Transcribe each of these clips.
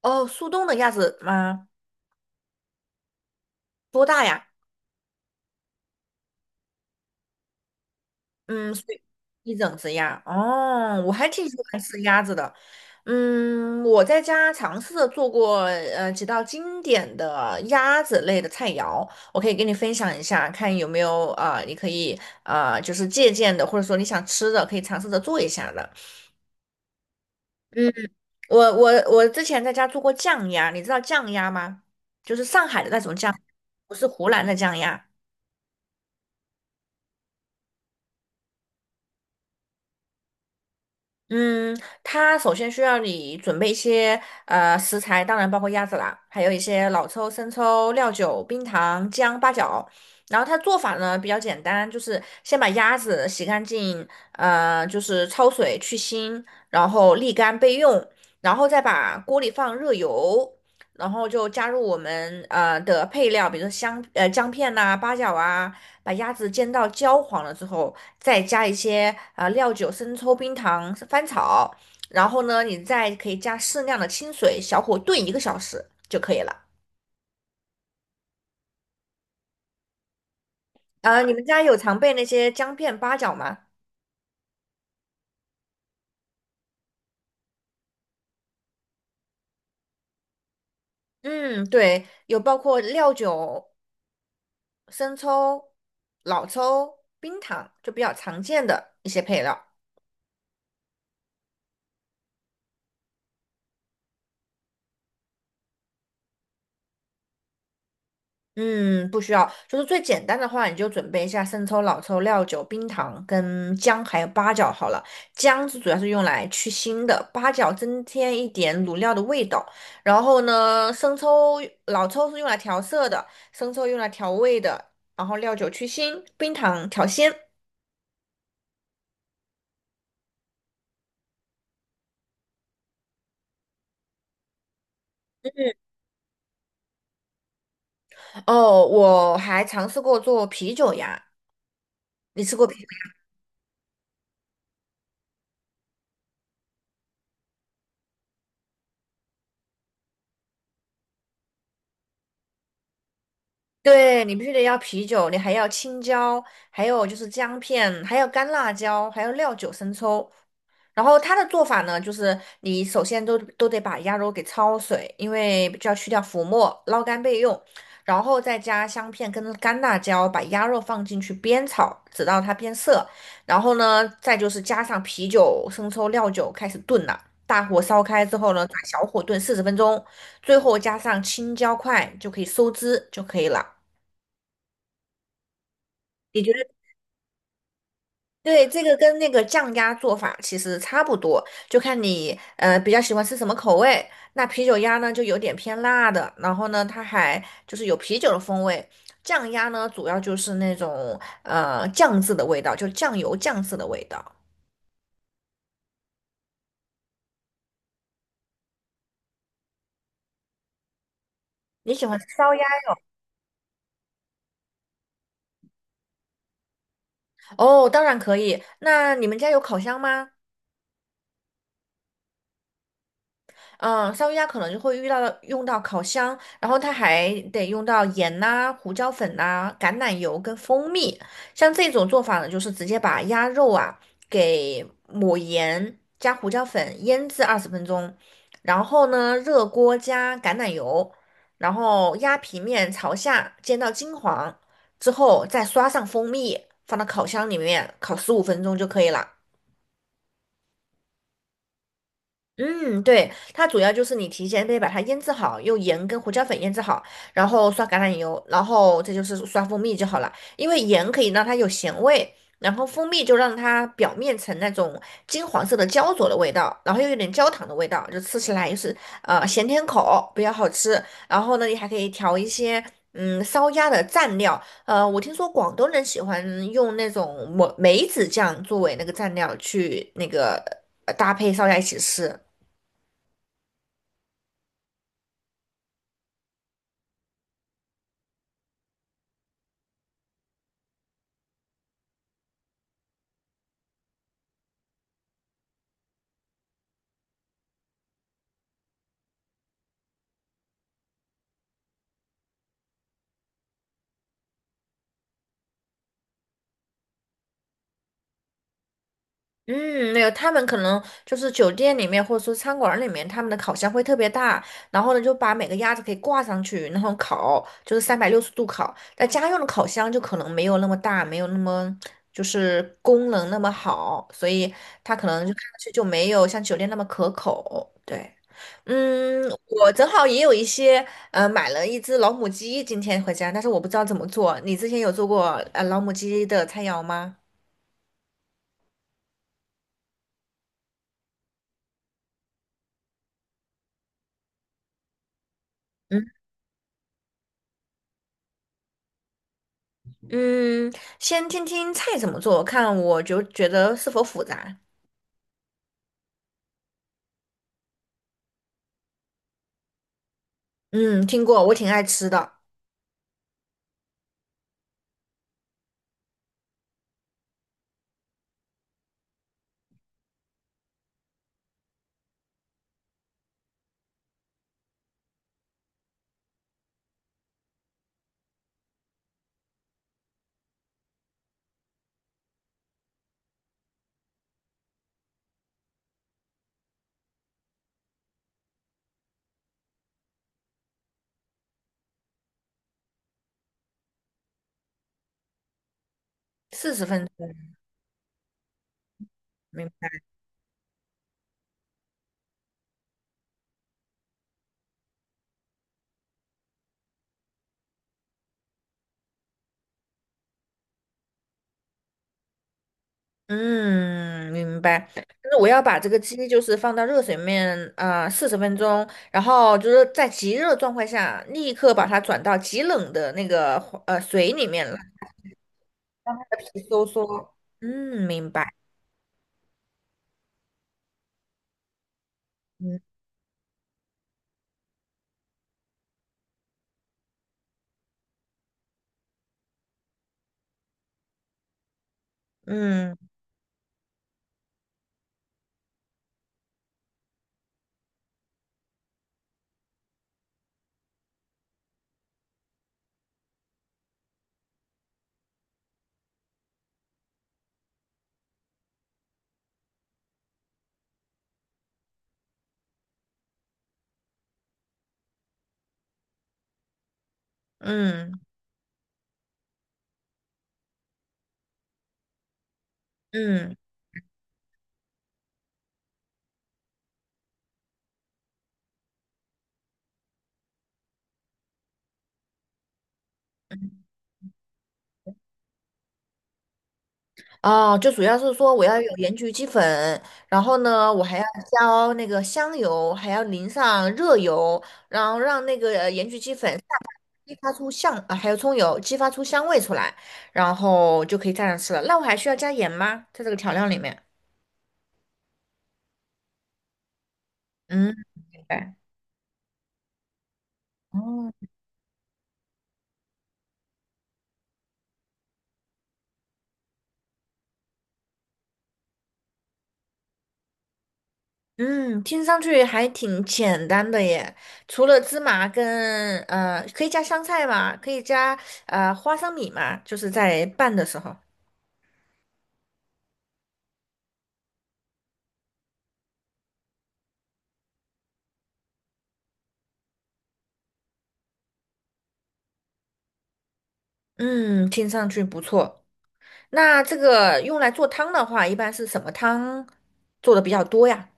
哦，速冻的鸭子吗？多大呀？嗯，所以一整只鸭。哦，我还挺喜欢吃鸭子的。嗯，我在家尝试着做过几道经典的鸭子类的菜肴，我可以跟你分享一下，看有没有啊、你可以啊就是借鉴的，或者说你想吃的，可以尝试着做一下的。嗯，我之前在家做过酱鸭，你知道酱鸭吗？就是上海的那种酱，不是湖南的酱鸭。嗯，它首先需要你准备一些食材，当然包括鸭子啦，还有一些老抽、生抽、料酒、冰糖、姜、八角。然后它做法呢比较简单，就是先把鸭子洗干净，就是焯水去腥，然后沥干备用，然后再把锅里放热油，然后就加入我们的配料，比如说姜片呐、八角啊，把鸭子煎到焦黄了之后。再加一些料酒、生抽、冰糖、翻炒，然后呢，你再可以加适量的清水，小火炖一个小时就可以了。啊、你们家有常备那些姜片、八角吗？嗯，对，有包括料酒、生抽、老抽、冰糖，就比较常见的一些配料。嗯，不需要，就是最简单的话，你就准备一下生抽、老抽、料酒、冰糖跟姜，还有八角好了。姜是主要是用来去腥的，八角增添一点卤料的味道。然后呢，生抽、老抽是用来调色的，生抽用来调味的，然后料酒去腥，冰糖调鲜。嗯哦，我还尝试过做啤酒呀，你吃过啤酒对，你必须得要啤酒，你还要青椒，还有就是姜片，还有干辣椒，还有料酒、生抽。然后它的做法呢，就是你首先都得把鸭肉给焯水，因为就要去掉浮沫，捞干备用。然后再加香片跟干辣椒，把鸭肉放进去煸炒，直到它变色。然后呢，再就是加上啤酒、生抽、料酒开始炖了。大火烧开之后呢，转小火炖四十分钟，最后加上青椒块就可以收汁就可以了。对，这个跟那个酱鸭做法其实差不多，就看你比较喜欢吃什么口味。那啤酒鸭呢，就有点偏辣的，然后呢，它还就是有啤酒的风味。酱鸭呢，主要就是那种酱渍的味道，就酱油酱渍的味道。你喜欢吃烧鸭？哦，当然可以。那你们家有烤箱吗？嗯，烧鱼鸭可能就会遇到用到烤箱，然后它还得用到盐呐、胡椒粉呐、橄榄油跟蜂蜜。像这种做法呢，就是直接把鸭肉啊给抹盐加胡椒粉腌制20分钟，然后呢热锅加橄榄油，然后鸭皮面朝下煎到金黄之后，再刷上蜂蜜，放到烤箱里面烤15分钟就可以了。嗯，对，它主要就是你提前得把它腌制好，用盐跟胡椒粉腌制好，然后刷橄榄油，然后这就是刷蜂蜜就好了。因为盐可以让它有咸味，然后蜂蜜就让它表面呈那种金黄色的焦灼的味道，然后又有点焦糖的味道，就吃起来就是咸甜口，比较好吃。然后呢，你还可以调一些烧鸭的蘸料，我听说广东人喜欢用那种梅子酱作为那个蘸料去那个搭配烧鸭一起吃。嗯，没有，他们可能就是酒店里面或者说餐馆里面，他们的烤箱会特别大，然后呢就把每个鸭子可以挂上去，然后烤，就是360度烤。但家用的烤箱就可能没有那么大，没有那么就是功能那么好，所以它可能就看上去就没有像酒店那么可口。对，嗯，我正好也有一些买了一只老母鸡今天回家，但是我不知道怎么做。你之前有做过老母鸡的菜肴吗？嗯。嗯，先听听菜怎么做，看我就觉得是否复杂。嗯，听过，我挺爱吃的，四十分钟，明白。嗯，明白。但是我要把这个鸡就是放到热水面啊四十分钟，然后就是在极热状态下，立刻把它转到极冷的那个水里面了，让它的皮收缩。嗯，明白。嗯嗯嗯嗯，哦，就主要是说我要有盐焗鸡粉，然后呢，我还要浇那个香油，还要淋上热油，然后让那个盐焗鸡粉散发激发出香，啊，还有葱油激发出香味出来，然后就可以蘸着吃了。那我还需要加盐吗？在这个调料里面？嗯，明白。哦，嗯，听上去还挺简单的耶。除了芝麻跟可以加香菜吗？可以加花生米嘛？就是在拌的时候。嗯，听上去不错。那这个用来做汤的话，一般是什么汤做的比较多呀？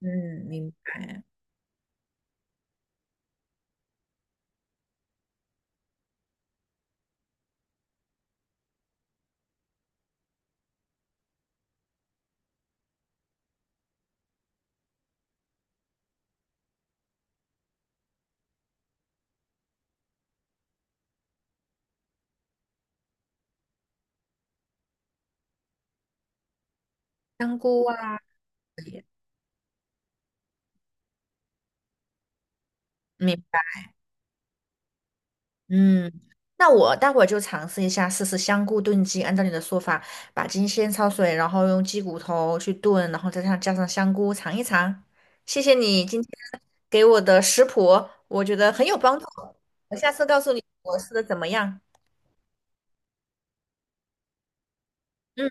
嗯，明白。香菇啊，明白。嗯，那我待会儿就尝试一下，试试香菇炖鸡。按照你的说法，把鸡先焯水，然后用鸡骨头去炖，然后再上加上香菇尝一尝。谢谢你今天给我的食谱，我觉得很有帮助。我下次告诉你我试的怎么样。嗯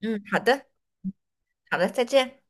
嗯，好的好的，再见。